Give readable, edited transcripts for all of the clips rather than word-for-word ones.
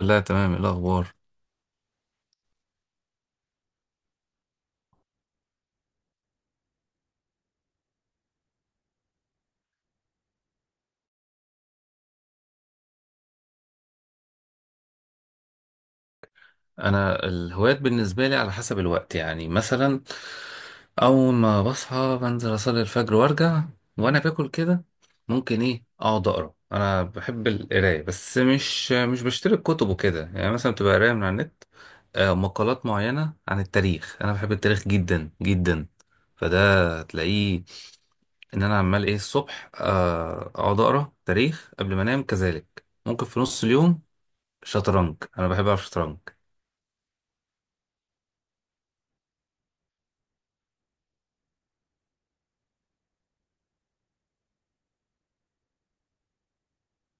لا، تمام. إيه الاخبار؟ انا الهوايات بالنسبه لي على حسب الوقت. يعني مثلا اول ما بصحى بنزل اصلي الفجر وارجع، وانا باكل كده ممكن اقعد اقرا. انا بحب القرايه، بس مش بشتري كتب وكده. يعني مثلا بتبقى قرايه من على النت، مقالات معينه عن التاريخ. انا بحب التاريخ جدا جدا، فده تلاقيه ان انا عمال ايه الصبح، اقعد اقرا تاريخ قبل ما انام، كذلك ممكن في نص اليوم. شطرنج، انا بحب العب شطرنج.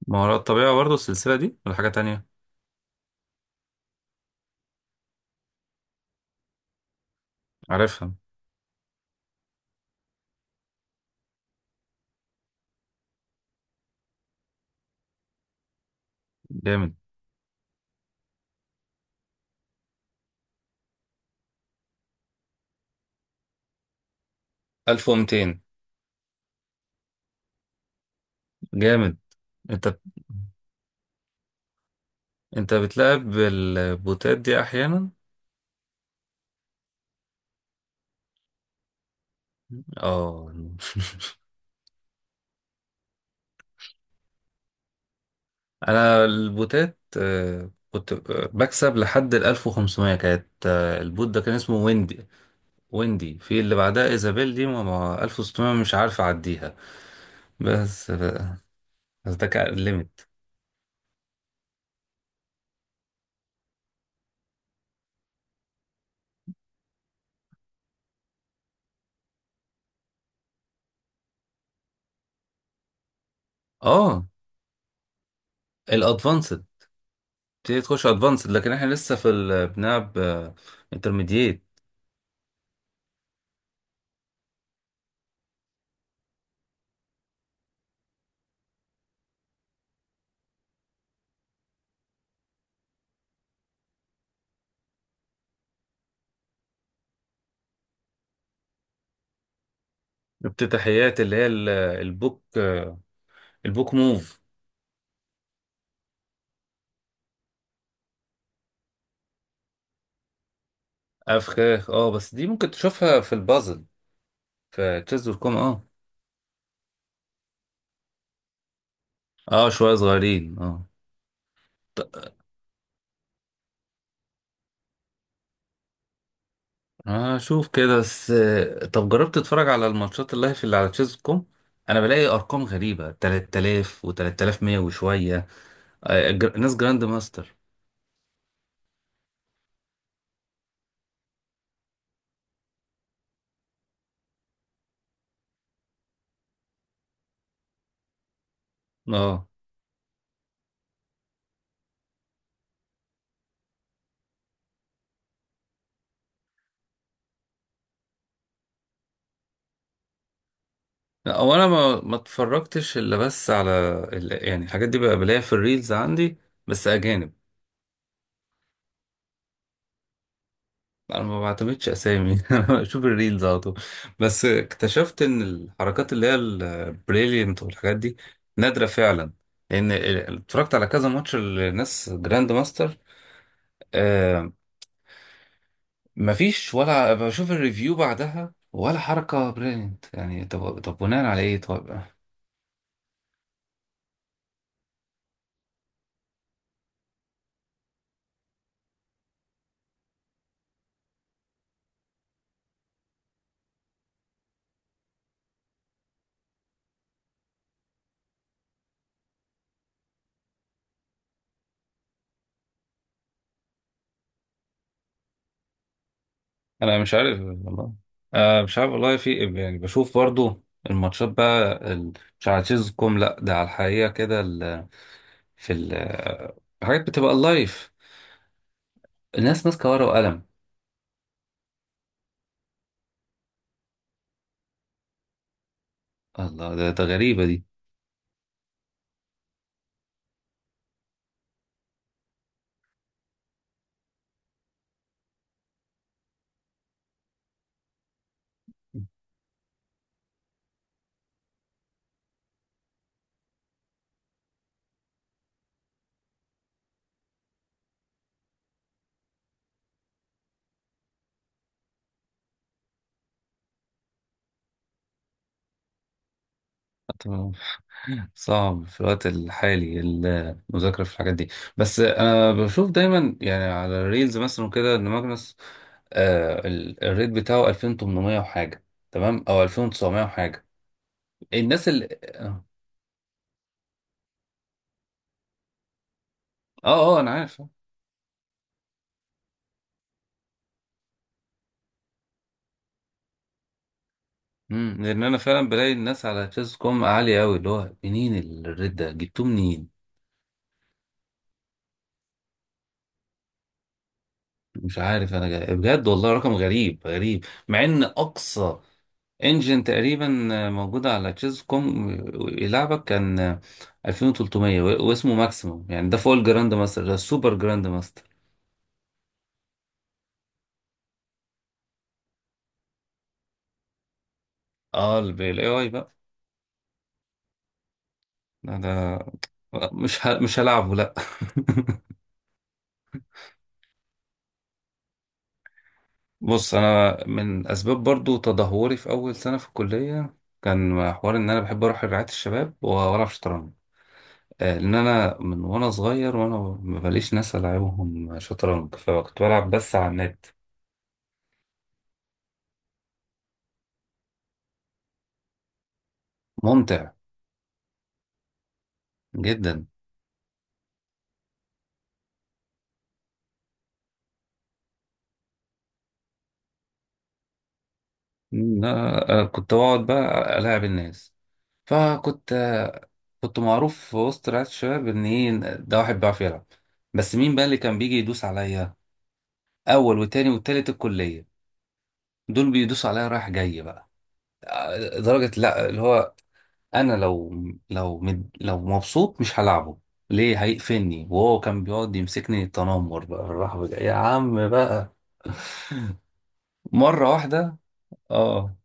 مهارات طبيعة برضه السلسلة دي ولا حاجة تانية؟ عارفها. جامد. 1200. جامد. انت انت بتلعب بالبوتات دي احيانا؟ اه. انا البوتات كنت بكسب لحد ال 1500، كانت البوت ده كان اسمه ويندي. ويندي، في اللي بعدها ايزابيل، دي ما 1600 مش عارف اعديها. بس، ده كان الليميت. اه، الادفانسد، تبتدي تخش ادفانسد، لكن احنا لسه في بنلعب انترميديت. افتتاحيات اللي هي البوك. البوك موف. افخاخ، اه، بس دي ممكن تشوفها في البازل. في تشيز دوت كوم، اه. اه، شويه صغيرين، اه. هشوف كده، بس طب جربت تتفرج على الماتشات اللايف اللي على تشيز دوت كوم؟ انا بلاقي ارقام غريبه، 3000 و3100 وشويه، ناس جراند ماستر. اه. لا، هو انا ما اتفرجتش الا بس على يعني الحاجات دي بقى، بلاقيها في الريلز عندي، بس اجانب. انا ما بعتمدش اسامي. انا بشوف الريلز على طول. بس اكتشفت ان الحركات اللي هي البريليانت والحاجات دي نادره فعلا، لان اتفرجت على كذا ماتش لناس جراند ماستر. آه، مفيش، ولا بشوف الريفيو بعدها ولا حركه بريليانت. يعني طب بناء على ايه؟ طب. انا مش عارف والله، مش عارف والله في إيه. يعني بشوف برضو الماتشات بقى مش على تشيز كوم، لا ده على الحقيقه كده، في ال- حاجات بتبقى لايف. الناس ماسكة ورقة وقلم. الله، ده غريبة دي. طب، صعب في الوقت الحالي المذاكرة في الحاجات دي. بس أنا بشوف دايما يعني على الريلز مثلا وكده، إن ماجنس، آه الريت بتاعه 2800 وحاجة، تمام، أو 2900 وحاجة. الناس اللي أنا عارف. امم، لأن أنا فعلا بلاقي الناس على تشيز كوم عالية أوي. اللي هو منين الريت ده؟ جبتوه منين؟ مش عارف أنا جاي، بجد والله رقم غريب غريب، مع إن أقصى انجن تقريبا موجودة على تشيز كوم يلعبك، كان 2300، واسمه ماكسيموم. يعني ده فوق الجراند ماستر، ده السوبر جراند ماستر. اه، الاي اي بقى. ده, ده مش ه... مش هلعبه، لا. بص، انا من اسباب برضو تدهوري في اول سنة في الكلية، كان حوار ان انا بحب اروح رعاية الشباب والعب شطرنج. لان انا من وانا صغير، وانا مباليش ناس العبهم شطرنج، فكنت بلعب بس على النت. ممتع جدا، إن أنا كنت بقعد بقى ألاعب الناس. فكنت كنت معروف في وسط رعاية الشباب، إن إيه ده واحد بيعرف يلعب. بس مين بقى اللي كان بيجي يدوس عليا؟ أول وتاني والتالت الكلية، دول بيدوسوا عليا رايح جاي بقى. درجة، لا اللي هو أنا لو، لو مد، لو مبسوط مش هلعبه ليه، هيقفلني، وهو كان بيقعد يمسكني تنمر بقى. الرحمة يا عم بقى. مرة واحدة، اه.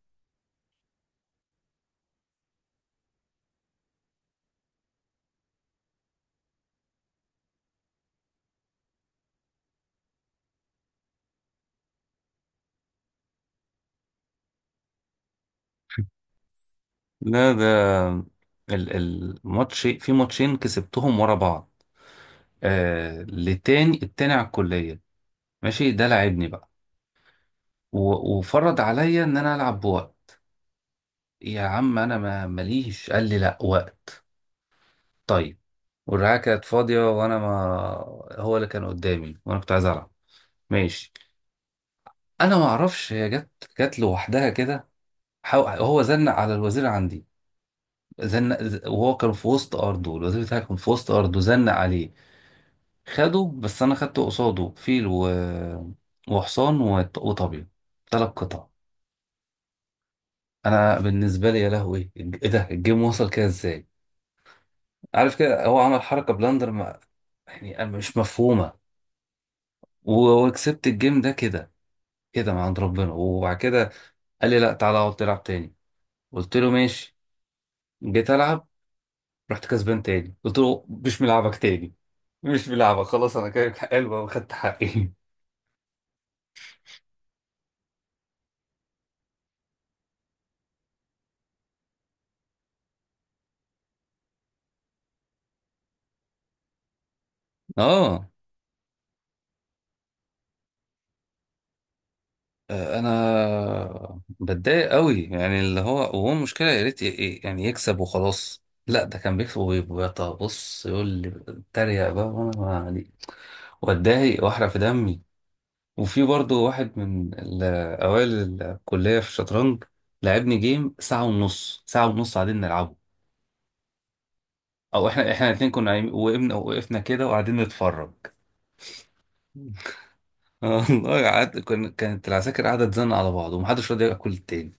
لا ده الماتش، في ماتشين كسبتهم ورا بعض، آه، لتاني، التاني على الكلية. ماشي، ده لعبني بقى، وفرض عليا ان انا العب بوقت. يا عم انا ما ماليش. قال لي لا وقت. طيب. والرعاية كانت فاضية، وانا ما، هو اللي كان قدامي، وانا كنت عايز العب. ماشي. انا ما اعرفش هي جت، جت لوحدها كده. هو زنق على الوزير عندي، زنق، وهو كان في وسط ارضه، الوزير بتاعي كان في وسط ارضه، زنق عليه، خده، بس انا خدت قصاده فيل، وحصان، وطبيعي. ثلاث قطع. انا بالنسبه لي، يا لهوي ايه ده، الجيم وصل كده ازاي؟ عارف كده، هو عمل حركه بلاندر، ما... يعني مش مفهومه. وكسبت الجيم ده كده، كده من عند ربنا. وبعد كده قال لي لا تعالى اقعد تلعب تاني، قلت له ماشي، جيت العب، رحت كسبان تاني، قلت له مش ملعبك تاني. مش ملعبك خلاص، انا كده حلو وخدت حقي. اه. انا بتضايق قوي، يعني اللي هو، وهو المشكله يا ريت يعني يكسب وخلاص، لا ده كان بيكسب وبيبقى بص يقول لي اتريق بقى وانا ما علي، واتضايق واحرق في دمي. وفي برضه واحد من اوائل الكليه في الشطرنج، لعبني جيم ساعه ونص، ساعه ونص قاعدين نلعبه. او احنا، الاثنين كنا وقفنا، وقفنا كده وقاعدين نتفرج. والله قعدت، كانت العساكر قاعده تزن على بعض، ومحدش راضي ياكل التاني.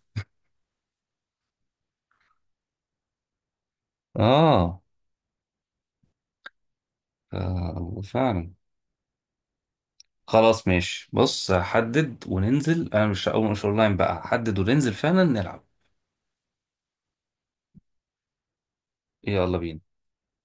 اه. آه فعلا. خلاص ماشي، بص حدد وننزل، انا مش اول، مش اونلاين بقى، حدد وننزل فعلا نلعب. يلا بينا.